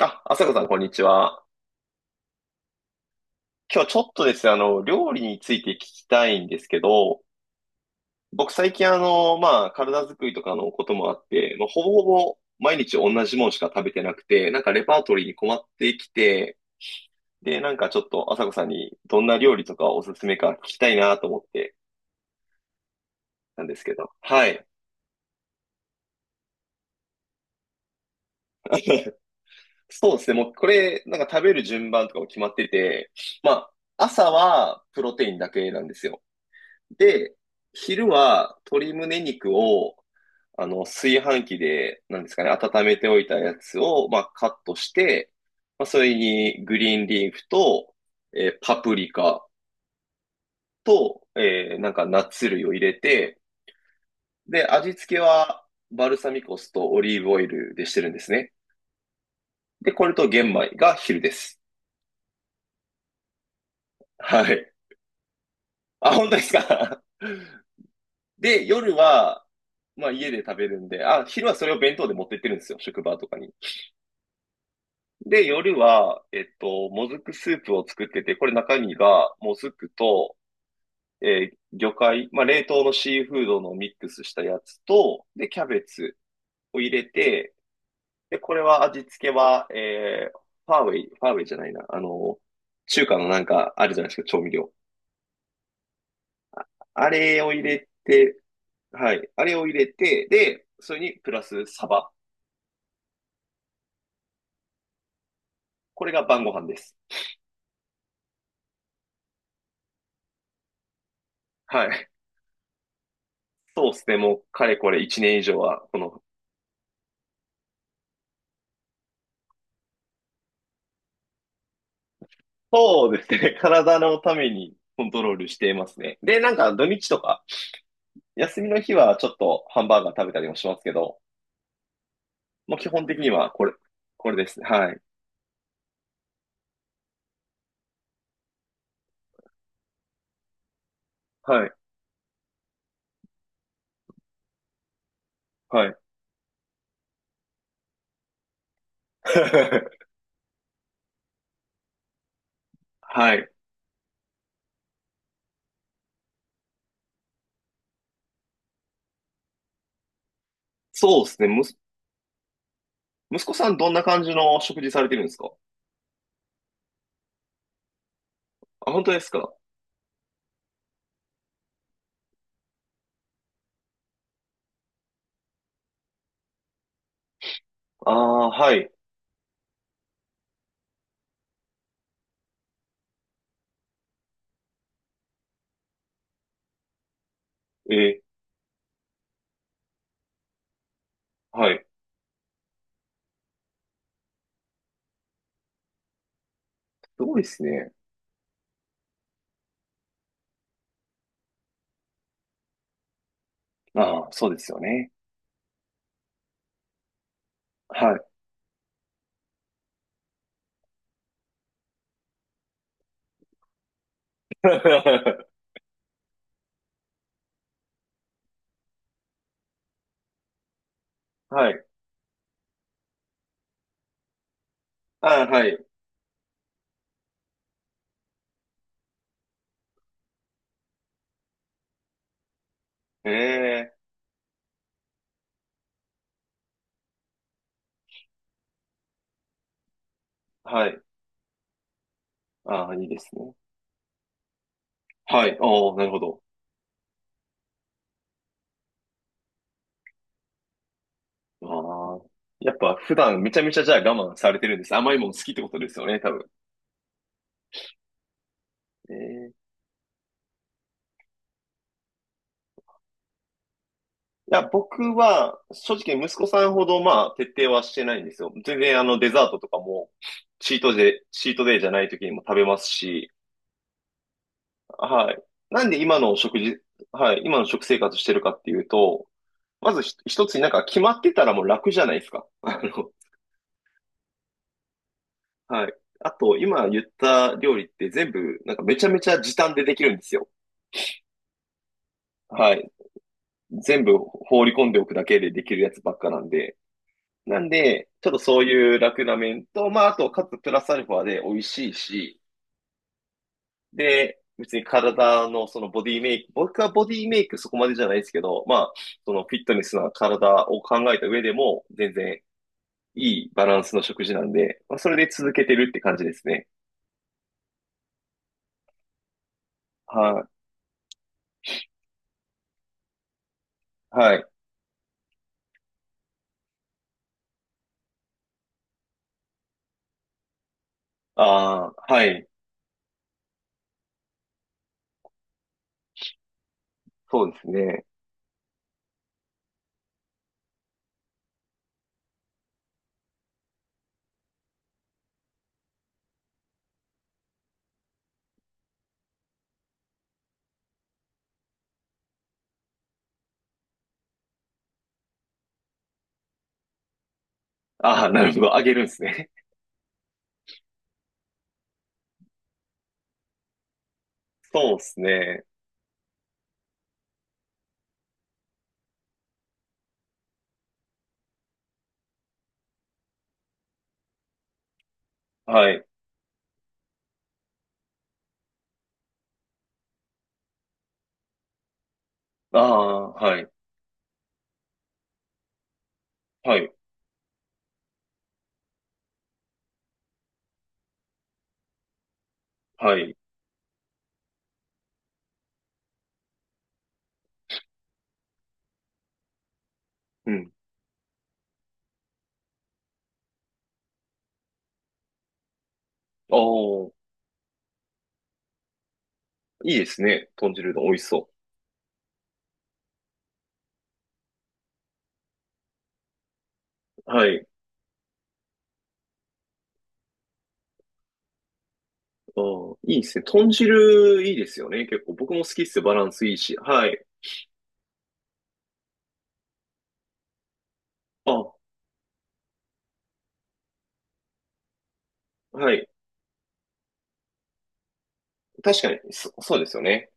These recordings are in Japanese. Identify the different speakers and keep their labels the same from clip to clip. Speaker 1: あ、あさこさん、こんにちは。今日ちょっとですね、料理について聞きたいんですけど、僕最近まあ、体作りとかのこともあって、まあ、ほぼほぼ毎日同じものしか食べてなくて、なんかレパートリーに困ってきて、で、なんかちょっとあさこさんにどんな料理とかおすすめか聞きたいなと思ってなんですけど。はい。そうですね、もうこれ、なんか食べる順番とかも決まってて、まあ、朝はプロテインだけなんですよ。で、昼は鶏胸肉を炊飯器で、なんですかね、温めておいたやつを、まあ、カットして、まあ、それにグリーンリーフと、パプリカと、なんかナッツ類を入れて、で、味付けはバルサミコ酢とオリーブオイルでしてるんですね。で、これと玄米が昼です。はい。あ、本当ですか？ で、夜は、まあ家で食べるんで、あ、昼はそれを弁当で持ってってるんですよ、職場とかに。で、夜は、もずくスープを作ってて、これ中身がもずくと、魚介、まあ、冷凍のシーフードのミックスしたやつと、で、キャベツを入れて、で、これは味付けは、ファーウェイじゃないな、あの、中華のなんかあるじゃないですか、調味料。あれを入れて、はい、あれを入れて、で、それにプラスサバ。これが晩ご飯です。はい。そうですね、もうかれこれ1年以上はこのそうですね。体のためにコントロールしていますね。で、なんか土日とか、休みの日はちょっとハンバーガー食べたりもしますけど、もう基本的にはこれ、これですね。はい。はい。はい。はい。そうですね。息子さんどんな感じの食事されてるんですか？あ、本当ですか？ああ、はい。えー、はい。すごいですね。ああ、そうですよね。はい。はい。ああ、はい。ええ、はい。ああ、いいですね。はい。ああ、なるほど。ああ。やっぱ普段めちゃめちゃじゃあ我慢されてるんです。甘いもの好きってことですよね、多分。ええ。いや、僕は正直息子さんほどまあ徹底はしてないんですよ。全然デザートとかもチートデイじゃない時にも食べますし、はい。なんで今の食事、はい、今の食生活してるかっていうと、まず一つになんか決まってたらもう楽じゃないですか。はい。あと今言った料理って全部なんかめちゃめちゃ時短でできるんですよ。はい。全部放り込んでおくだけでできるやつばっかなんで、なんで、ちょっとそういう楽な面と、まあ、あと、かつプラスアルファで美味しいし、で、別に体のそのボディメイク、僕はボディメイクそこまでじゃないですけど、まあ、そのフィットネスな体を考えた上でも、全然いいバランスの食事なんで、まあ、それで続けてるって感じですね。はい、はい。ああ、はい。そうですね。ああ、なるほど。あげるんですね。そうですね。はい。ああ、はい。はい。はい。うん。ああ、いいですね。豚汁うどん美味しそう。はい。ああ、いいですね。豚汁いいですよね。結構僕も好きっすよ。バランスいいし。はい。あ、はい。確かに、そうですよね。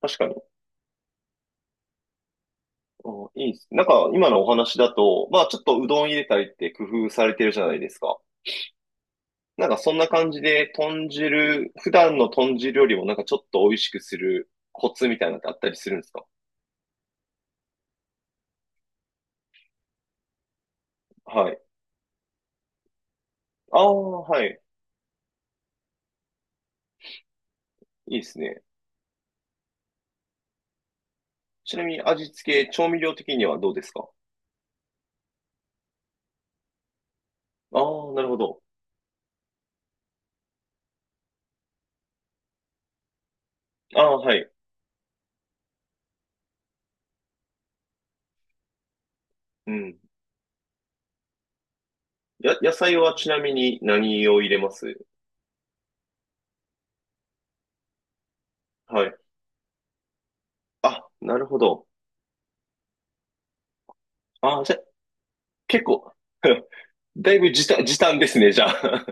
Speaker 1: 確かに。ああ、いいです。なんか今のお話だと、まあちょっとうどん入れたりって工夫されてるじゃないですか。なんかそんな感じで豚汁、普段の豚汁よりもなんかちょっと美味しくするコツみたいなのってあったりするんですか？はい。ああ、はい。いいですね。ちなみに味付け、調味料的にはどうですか？ああー、なるほど。ああ、はい。うん。野菜はちなみに何を入れます？はい。あ、なるほど。ああ、じゃ、結構、だいぶ時短、時短ですね、じゃあ。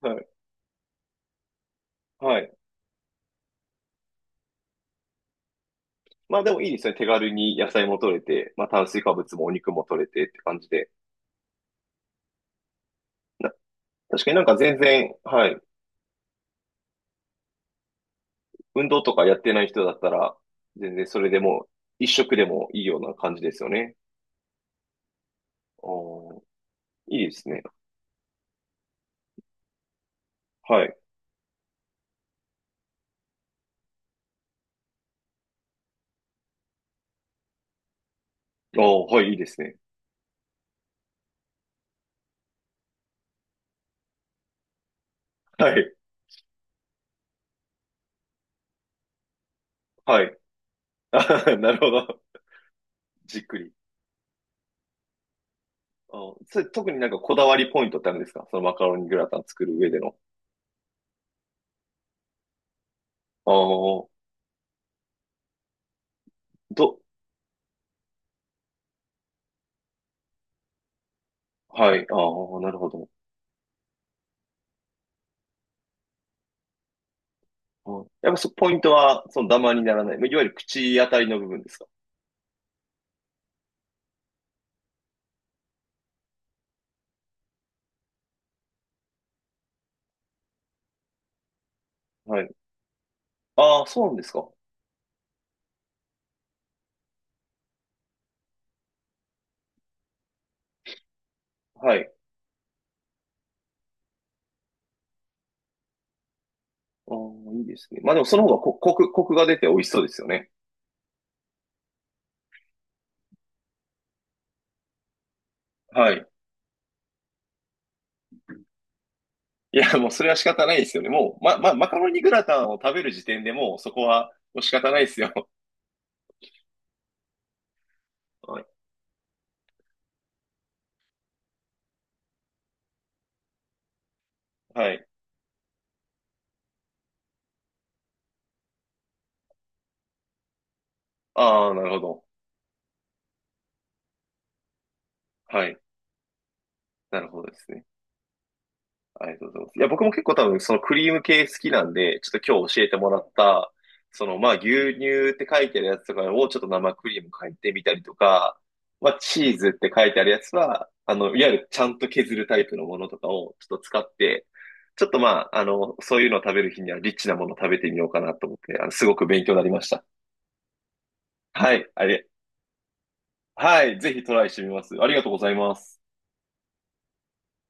Speaker 1: はい。はい。まあでもいいですね。手軽に野菜も取れて、まあ炭水化物もお肉も取れてって感じで。な、確かになんか全然、はい。運動とかやってない人だったら、全然それでも、一食でもいいような感じですよね。おー、いいですね。はい。おーはい、いいですね。はい、はい。あははなるほど。じっくり。あー、それ、特になんかこだわりポイントってあるんですか？そのマカロニグラタン作る上での。ああ、ど、はい、ああ、なるほど。うん、やっぱポイントは、そのダマにならない。まあいわゆる口当たりの部分ですか？はい。ああ、そうなんですか。はい。ああ、いいですね。まあでもその方がこ、コク、コクが出て美味しそうですよね。はい。いや、もうそれは仕方ないですよね。もう、マカロニグラタンを食べる時点でもうそこはもう仕方ないですよ。はい。はい。ああ、なるほど。はい。なるほどですね。ありがとうございます。いや、僕も結構多分そのクリーム系好きなんで、ちょっと今日教えてもらった、そのまあ牛乳って書いてあるやつとかをちょっと生クリーム変えてみたりとか、まあチーズって書いてあるやつは、あの、いわゆるちゃんと削るタイプのものとかをちょっと使って、ちょっとまあ、あの、そういうのを食べる日にはリッチなものを食べてみようかなと思って、あの、すごく勉強になりました。はい。あれ、はい。ぜひトライしてみます。ありがとうございます。